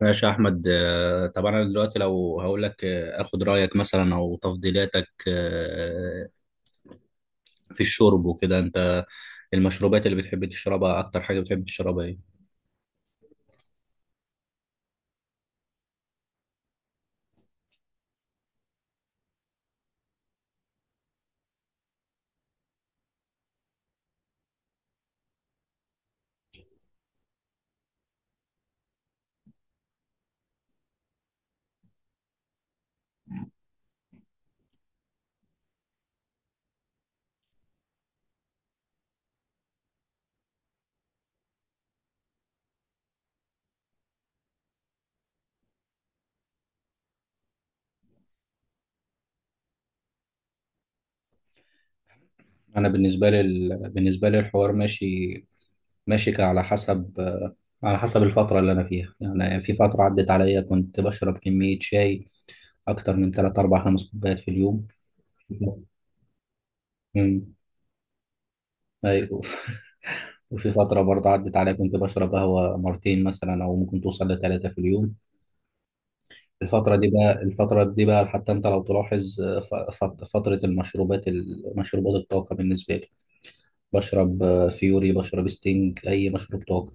ماشي يا احمد، طب انا دلوقتي لو هقول لك، اخد رايك مثلا او تفضيلاتك، في الشرب وكده. انت المشروبات اللي بتحب تشربها، اكتر حاجه بتحب تشربها ايه؟ انا بالنسبه لي الحوار ماشي على حسب على حسب الفتره اللي انا فيها. يعني في فتره عدت عليا كنت بشرب كميه شاي اكتر من 3 4 5 كوبايات في اليوم. مم. ايوه. وفي فترة برضه عدت عليا كنت بشرب قهوة مرتين مثلا أو ممكن توصل لثلاثة في اليوم. الفترة دي بقى حتى أنت لو تلاحظ ، فترة مشروبات الطاقة بالنسبة لي. بشرب، فيوري، بشرب ستينج، أي مشروب طاقة.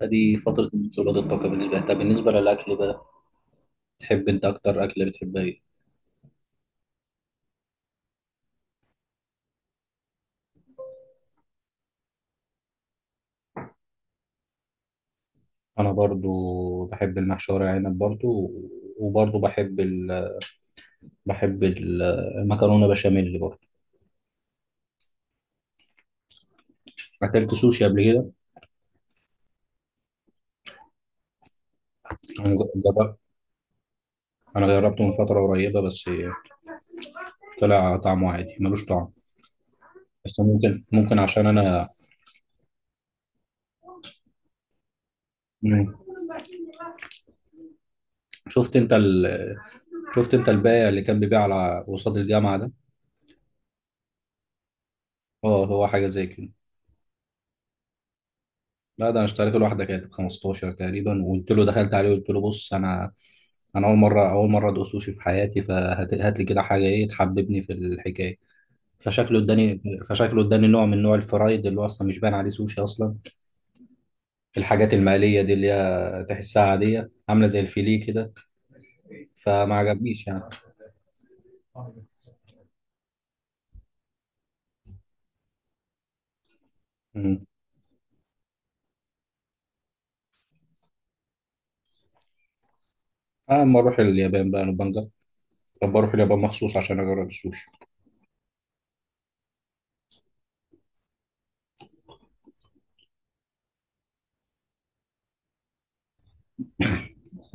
فدي فترة مشروبات الطاقة بالنسبة لي. طب بالنسبة للأكل بقى، تحب أنت أكتر أكلة بتحبها إيه؟ أنا برضو بحب المحشي ورق عنب برضو، وبرضو بحب المكرونة بشاميل برضو. أكلت سوشي قبل كده؟ أنا جربت انا جربته من فتره قريبه بس. طلع طعمه عادي، ملوش طعم. بس ممكن عشان انا مم. شفت انت ال... شفت انت البائع اللي كان بيبيع على قصاد الجامعه ده؟ اه، هو حاجه زي كده. لا، ده انا اشتريته لوحده، كانت ب 15 تقريبا. وقلت له دخلت عليه قلت له بص، انا اول مره ادوق سوشي في حياتي، فهات هات لي كده حاجه ايه تحببني في الحكايه. فشكله اداني فشكله اداني نوع من نوع الفرايد اللي هو اصلا مش باين عليه سوشي اصلا. الحاجات المقليه دي اللي هي تحسها عاديه، عامله زي الفيليه كده. فما عجبنيش يعني. مم. اما اروح اليابان بقى نبقى نجرب. طب اروح اليابان مخصوص عشان اجرب السوشي.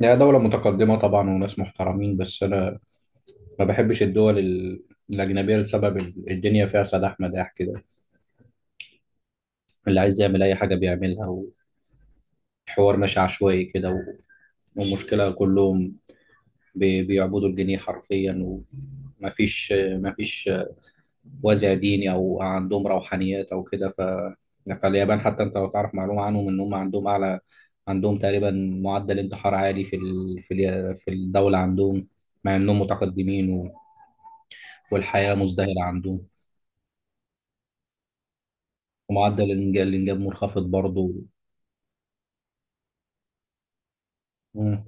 هي دولة متقدمة طبعا، وناس محترمين، بس انا ما بحبش الدول الاجنبية لسبب الدنيا فيها سداح مداح كده. اللي عايز يعمل اي حاجة بيعملها، والحوار ماشي عشوائي كده، والمشكلة كلهم بيعبدوا الجنيه حرفيا. ومفيش وازع ديني او عندهم روحانيات او كده. فاليابان حتى انت لو تعرف معلومه عنهم ان هم عندهم اعلى، عندهم تقريبا معدل انتحار عالي في الدوله عندهم، مع انهم متقدمين والحياه مزدهره عندهم. ومعدل الانجاب منخفض برضه. مم.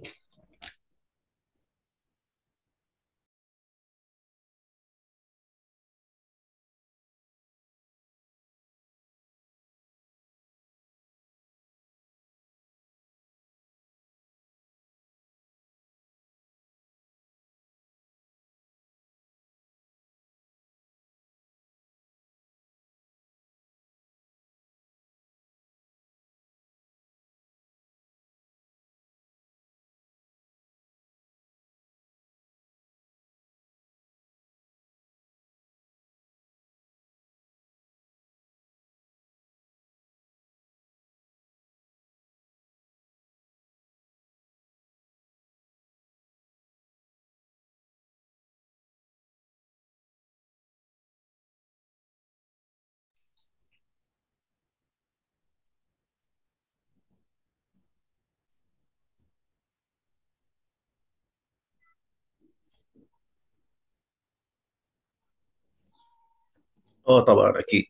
اه طبعا، اكيد.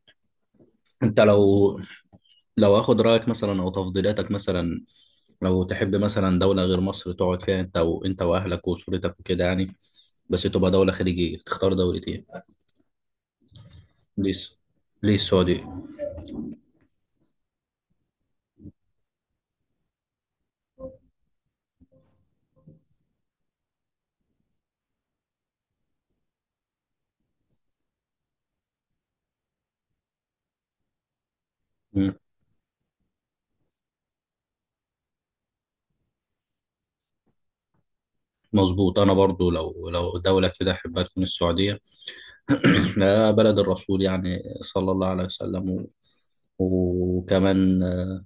انت لو اخد رايك مثلا او تفضيلاتك مثلا، لو تحب مثلا دوله غير مصر تقعد فيها انت واهلك واسرتك وكده يعني، بس تبقى دوله خليجيه، تختار دوله ايه؟ ليس ليه السعودية؟ مم. مظبوط. أنا برضو لو دولة كده أحبها تكون السعودية. بلد الرسول يعني صلى الله عليه وسلم وكمان،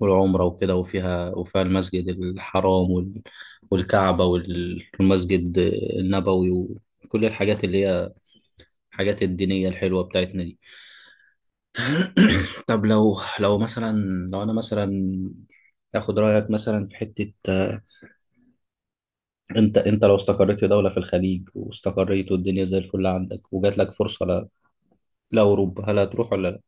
والعمرة وكده، وفيها المسجد الحرام والكعبة والمسجد النبوي، وكل الحاجات اللي هي الحاجات الدينية الحلوة بتاعتنا دي. طب لو مثلا، لو أنا مثلا آخد رأيك مثلا في حتة، انت لو استقريت في دولة في الخليج واستقريت والدنيا زي الفل عندك وجات لك فرصة لأوروبا، هل هتروح ولا لا؟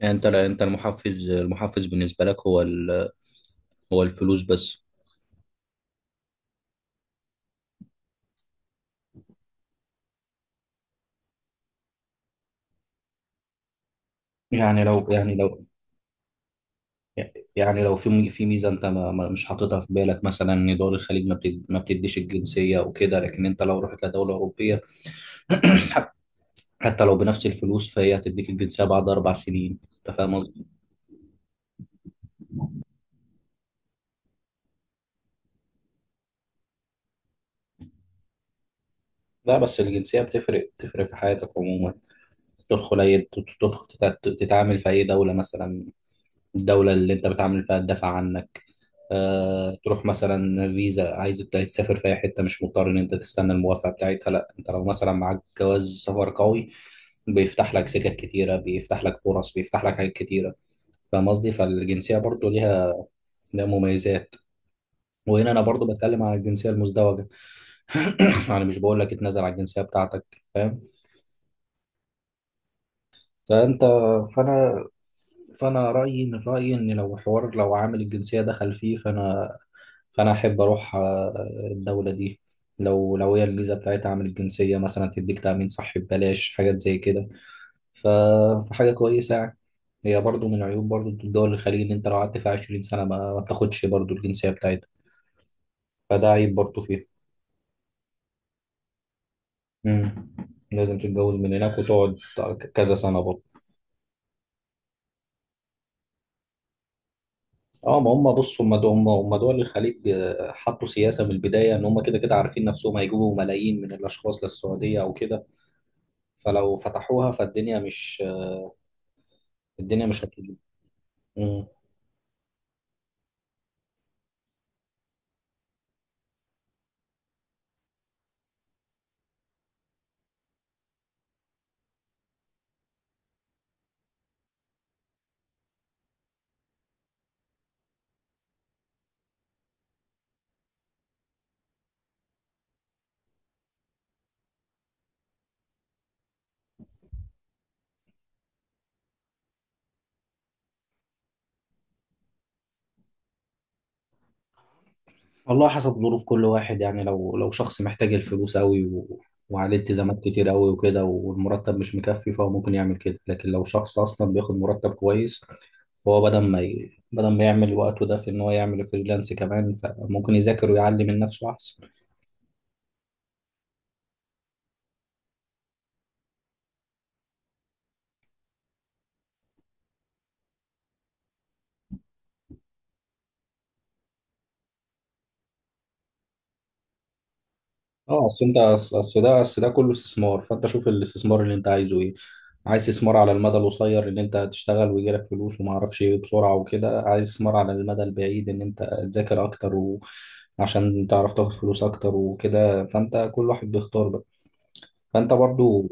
يعني انت، لا، انت المحفز بالنسبة لك هو الفلوس بس؟ يعني لو يعني لو يعني لو في ميزة انت مش حاططها في بالك، مثلا ان دول الخليج ما بتديش الجنسية وكده، لكن انت لو رحت لدولة أوروبية حت- حتى لو بنفس الفلوس فهي هتديك الجنسية بعد 4 سنين، انت فاهم قصدي؟ لا، بس الجنسية بتفرق في حياتك عموما. تدخل أي تدخل تتعامل في أي دولة مثلا، الدولة اللي أنت بتعامل فيها تدافع عنك. أه، تروح مثلا فيزا، عايز تسافر في أي حتة، مش مضطر إن أنت تستنى الموافقة بتاعتها. لا، أنت لو مثلا معاك جواز سفر قوي، بيفتح لك سكك كتيرة، بيفتح لك فرص، بيفتح لك حاجات كتيرة. فاهم قصدي؟ فالجنسية برضو ليها مميزات. وهنا أنا برضو بتكلم عن الجنسية المزدوجة. يعني مش بقول لك اتنازل على الجنسية بتاعتك، فاهم. فأنت فأنا فانا رايي ان لو عامل الجنسيه دخل فيه، فانا احب اروح الدوله دي لو هي الفيزا بتاعتها، عامل الجنسيه مثلا تديك تامين صحي ببلاش، حاجات زي كده، ف- فحاجه كويسه يعني. هي برضو من عيوب برضو الدول الخليج ان انت لو قعدت فيها 20 سنه ما بتاخدش برضو الجنسيه بتاعتها، فده عيب برضو فيها. مم. لازم تتجوز من هناك وتقعد كذا سنه برضو. اه. ما هم بص هم دول الخليج، حطوا سياسه من البدايه ان هم كده كده عارفين نفسهم هيجيبوا ملايين من الاشخاص للسعوديه او كده، فلو فتحوها فالدنيا مش هتظبط. مم. والله حسب ظروف كل واحد يعني، لو شخص محتاج الفلوس قوي، وعليه التزامات كتير قوي وكده والمرتب مش مكفي، فهو ممكن يعمل كده. لكن لو شخص اصلا بياخد مرتب كويس، هو بدل ما يعمل وقته ده في ان هو يعمل فريلانس كمان، فممكن يذاكر ويعلي من نفسه احسن. اه. اصل ده كله استثمار، فانت شوف الاستثمار اللي انت عايزه ايه. عايز استثمار على المدى القصير ان انت تشتغل ويجي لك فلوس وما اعرفش ايه بسرعه وكده؟ عايز استثمار على المدى البعيد ان انت تذاكر اكتر وعشان تعرف تاخد فلوس اكتر وكده؟ فانت كل واحد بيختار بقى. فانت برضو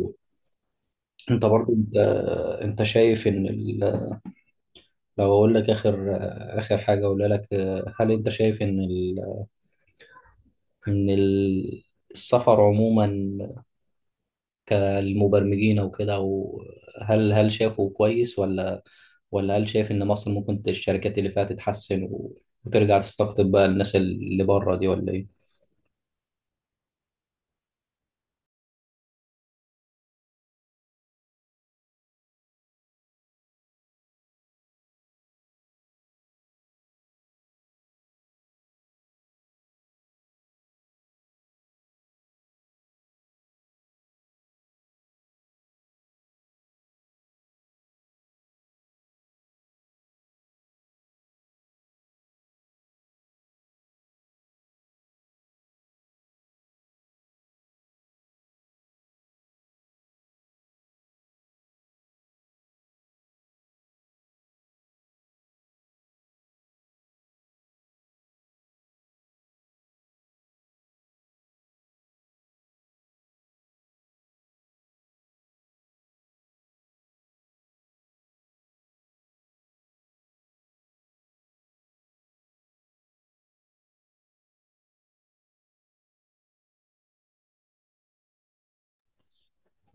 انت برضو انت, انت شايف ان ال... لو اقول لك اخر حاجه اقولها لك، هل انت شايف ان السفر عموما كالمبرمجين او كده، وهل هل هل شافوا كويس ولا هل شايف ان مصر ممكن الشركات اللي فيها تتحسن وترجع تستقطب بقى الناس اللي بره دي، ولا ايه؟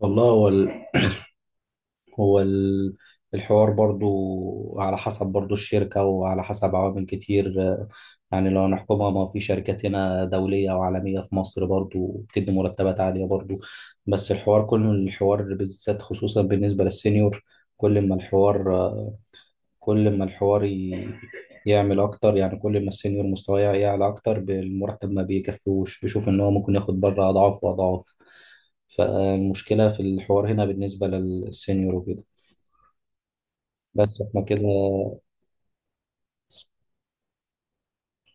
والله هو ال- الحوار برضو على حسب، برضو الشركة وعلى حسب عوامل كتير، يعني لو نحكمها، ما في شركات هنا دولية وعالمية في مصر برضو بتدي مرتبات عالية برضو، بس الحوار، كل الحوار، بالذات خصوصا بالنسبة للسينيور، كل ما الحوار كل ما الحوار يعمل اكتر، يعني كل ما السينيور مستواه يعلى اكتر بالمرتب، ما بيكفوش، بيشوف ان هو ممكن ياخد بره اضعاف واضعاف. فالمشكله في الحوار هنا بالنسبه للسينيور وكده. بس احنا كده.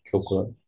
شكرا.